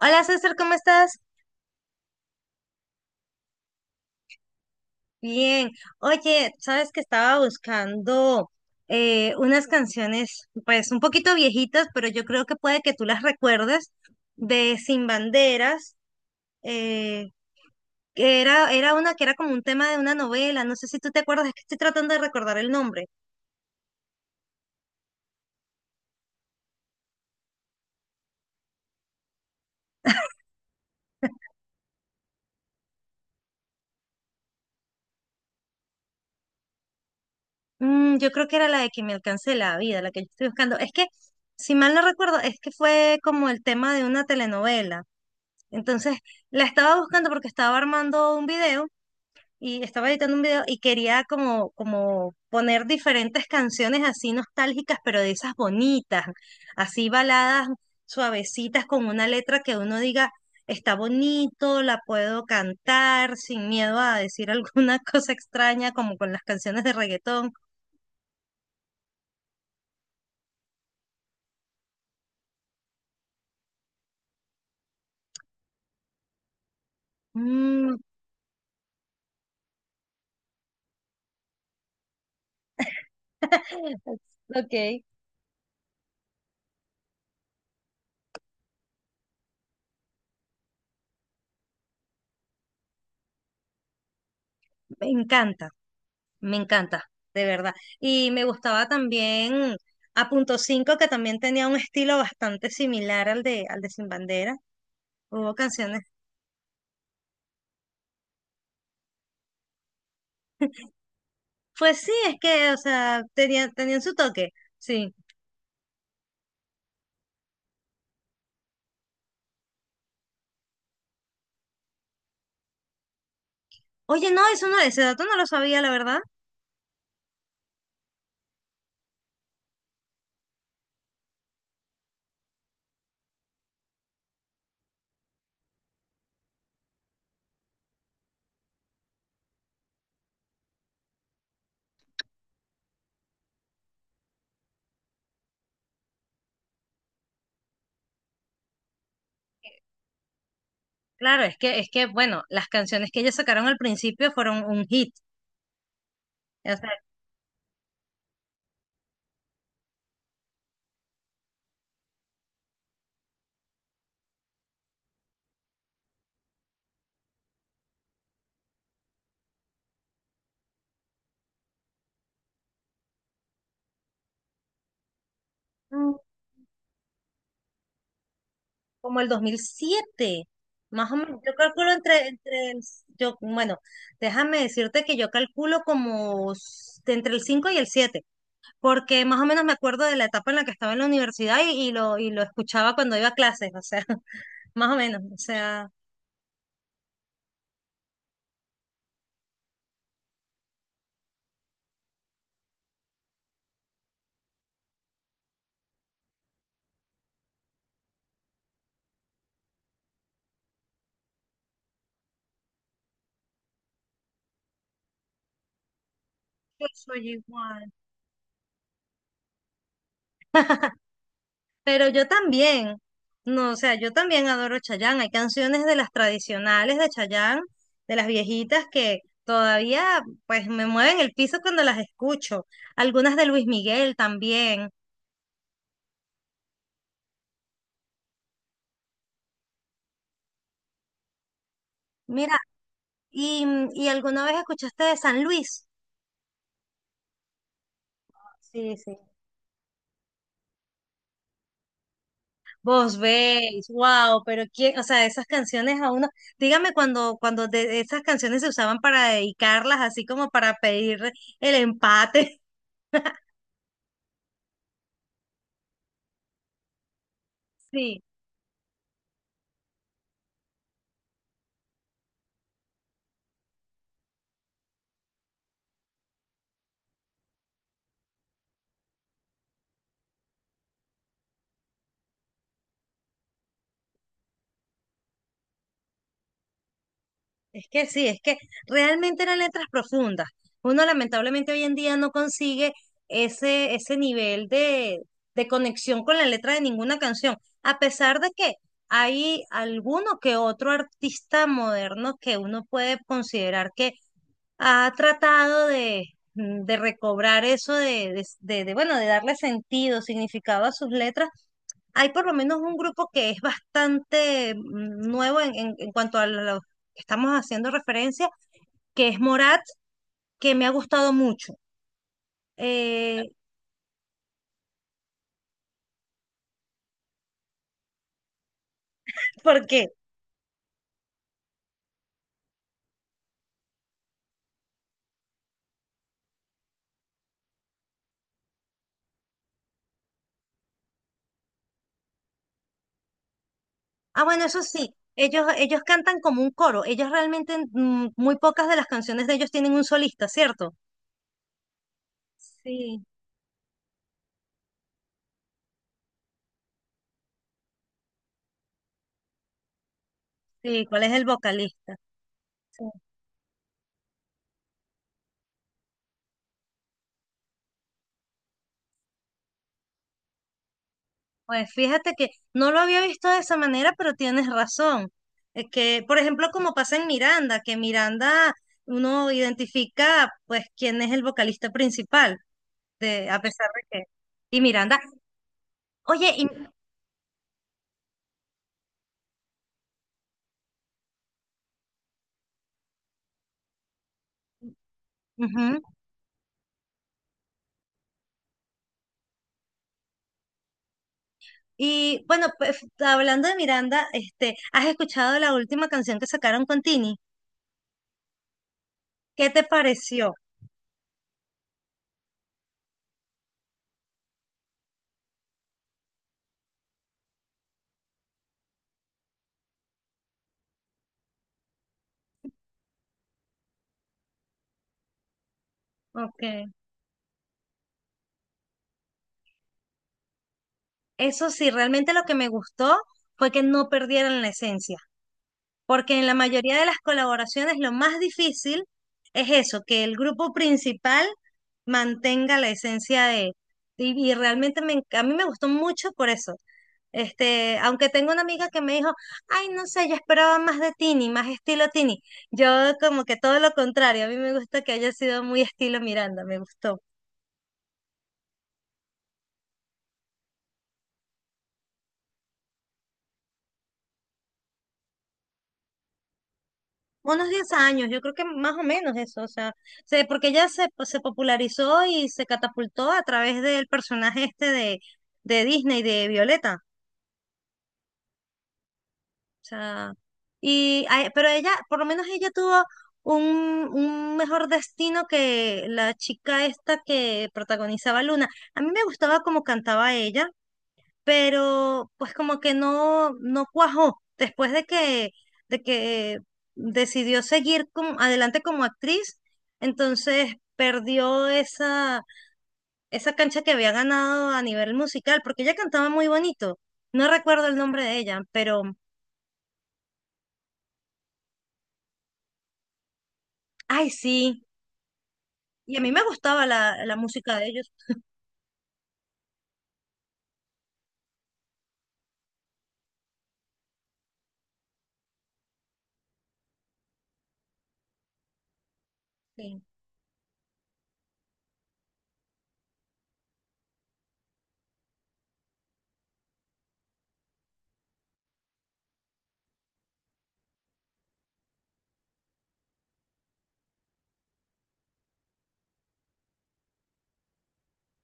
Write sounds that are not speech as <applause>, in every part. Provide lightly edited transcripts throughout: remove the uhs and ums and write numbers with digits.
Hola César, ¿cómo estás? Bien. Oye, sabes que estaba buscando unas canciones, pues un poquito viejitas, pero yo creo que puede que tú las recuerdes, de Sin Banderas, eh, que era una que era como un tema de una novela, no sé si tú te acuerdas, es que estoy tratando de recordar el nombre. Yo creo que era la de que me alcance la vida, la que yo estoy buscando. Es que, si mal no recuerdo, es que fue como el tema de una telenovela. Entonces, la estaba buscando porque estaba armando un video y estaba editando un video y quería como poner diferentes canciones así nostálgicas, pero de esas bonitas, así baladas suavecitas con una letra que uno diga, está bonito, la puedo cantar sin miedo a decir alguna <laughs> cosa extraña como con las canciones de reggaetón. Mm. Ok. Me encanta, me encanta, de verdad. Y me gustaba también a punto cinco, que también tenía un estilo bastante similar al de Sin Bandera. Hubo canciones. Pues sí, es que, o sea, tenían su toque. Sí. Oye, no, eso no, ese dato no lo sabía, la verdad. Claro, es que, bueno, las canciones que ellos sacaron al principio fueron un hit. O sea, mm, como el 2007. Más o menos, yo calculo entre, el, yo, bueno, déjame decirte que yo calculo como de entre el 5 y el 7, porque más o menos me acuerdo de la etapa en la que estaba en la universidad y, y lo escuchaba cuando iba a clases, o sea, <laughs> más o menos, o sea, yo soy igual. Pero yo también, no, o sea, yo también adoro Chayanne. Hay canciones de las tradicionales de Chayanne, de las viejitas que todavía pues me mueven el piso cuando las escucho. Algunas de Luis Miguel también. Mira, ¿y alguna vez escuchaste de San Luis? Sí, sí. Vos veis, wow, pero quién, o sea, esas canciones a uno, dígame cuando, de esas canciones se usaban para dedicarlas, así como para pedir el empate. <laughs> Sí. Es que sí, es que realmente eran letras profundas. Uno lamentablemente hoy en día no consigue ese nivel de, conexión con la letra de ninguna canción, a pesar de que hay alguno que otro artista moderno que uno puede considerar que ha tratado de, recobrar eso de, bueno, de darle sentido, significado a sus letras. Hay por lo menos un grupo que es bastante nuevo en, en cuanto a lo que estamos haciendo referencia, que es Morat, que me ha gustado mucho. Eh, ¿Por qué? Ah, bueno, eso sí, ellos cantan como un coro. Ellos realmente, muy pocas de las canciones de ellos tienen un solista, ¿cierto? Sí, sí, ¿cuál es el vocalista? Pues fíjate que no lo había visto de esa manera, pero tienes razón. Es que, por ejemplo, como pasa en Miranda, que Miranda uno identifica pues quién es el vocalista principal, de, a pesar de que... Y Miranda, oye, y, ujú, y, bueno, pues, hablando de Miranda, este, ¿has escuchado la última canción que sacaron con Tini? ¿Qué te pareció? Okay. Eso sí, realmente lo que me gustó fue que no perdieran la esencia. Porque en la mayoría de las colaboraciones lo más difícil es eso, que el grupo principal mantenga la esencia de... Y realmente me a mí me gustó mucho por eso. Este, aunque tengo una amiga que me dijo, ay, no sé, yo esperaba más de Tini, más estilo Tini. Yo como que todo lo contrario, a mí me gusta que haya sido muy estilo Miranda, me gustó. Unos 10 años, yo creo que más o menos eso, o sea, porque ella se, pues, se popularizó y se catapultó a través del personaje este de Disney, de Violeta, o sea, y, pero ella, por lo menos ella tuvo un mejor destino que la chica esta que protagonizaba Luna. A mí me gustaba cómo cantaba ella, pero pues como que no, no cuajó. Después de que decidió seguir adelante como actriz, entonces perdió esa, cancha que había ganado a nivel musical, porque ella cantaba muy bonito. No recuerdo el nombre de ella, pero, ay, sí. Y a mí me gustaba la música de ellos. Sí.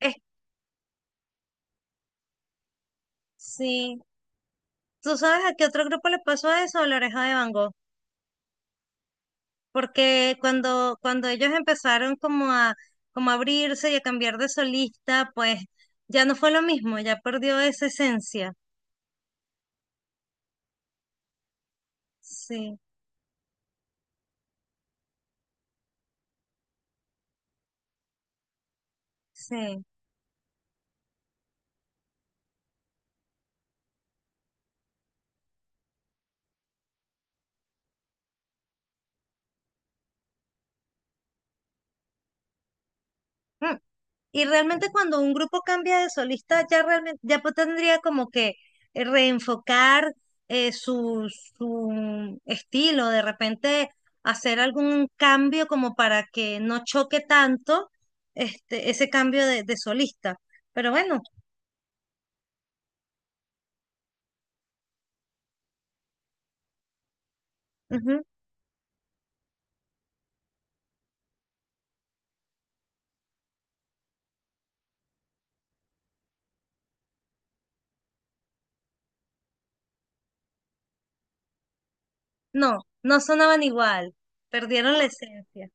Es- sí. ¿Tú sabes a qué otro grupo le pasó eso? A La Oreja de Van Gogh. Porque cuando ellos empezaron como a abrirse y a cambiar de solista, pues ya no fue lo mismo, ya perdió esa esencia. Sí, sí. Mm. Y realmente cuando un grupo cambia de solista, ya realmente, ya pues tendría como que reenfocar su, estilo, de repente hacer algún cambio como para que no choque tanto este, ese cambio de, solista. Pero bueno. No, no sonaban igual, perdieron la esencia.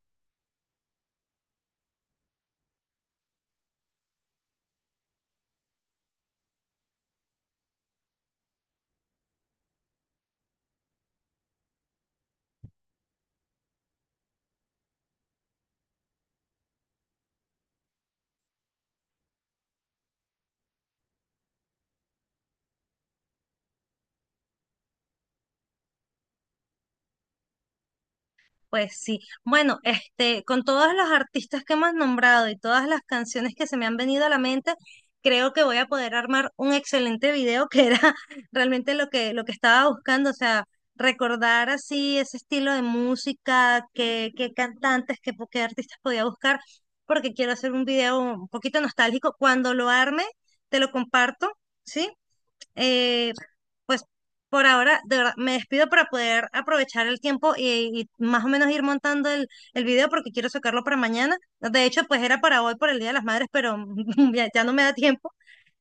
Pues sí. Bueno, este, con todos los artistas que hemos nombrado y todas las canciones que se me han venido a la mente, creo que voy a poder armar un excelente video que era <laughs> realmente lo que estaba buscando, o sea, recordar así ese estilo de música, qué cantantes, qué artistas podía buscar, porque quiero hacer un video un poquito nostálgico. Cuando lo arme, te lo comparto, ¿sí? Eh, pues por ahora, de verdad, me despido para poder aprovechar el tiempo y, más o menos ir montando el, video porque quiero sacarlo para mañana. De hecho, pues era para hoy por el Día de las Madres, pero <laughs> ya, ya no me da tiempo.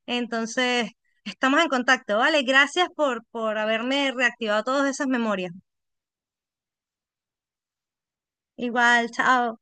Entonces, estamos en contacto, ¿vale? Gracias por, haberme reactivado todas esas memorias. Igual, chao.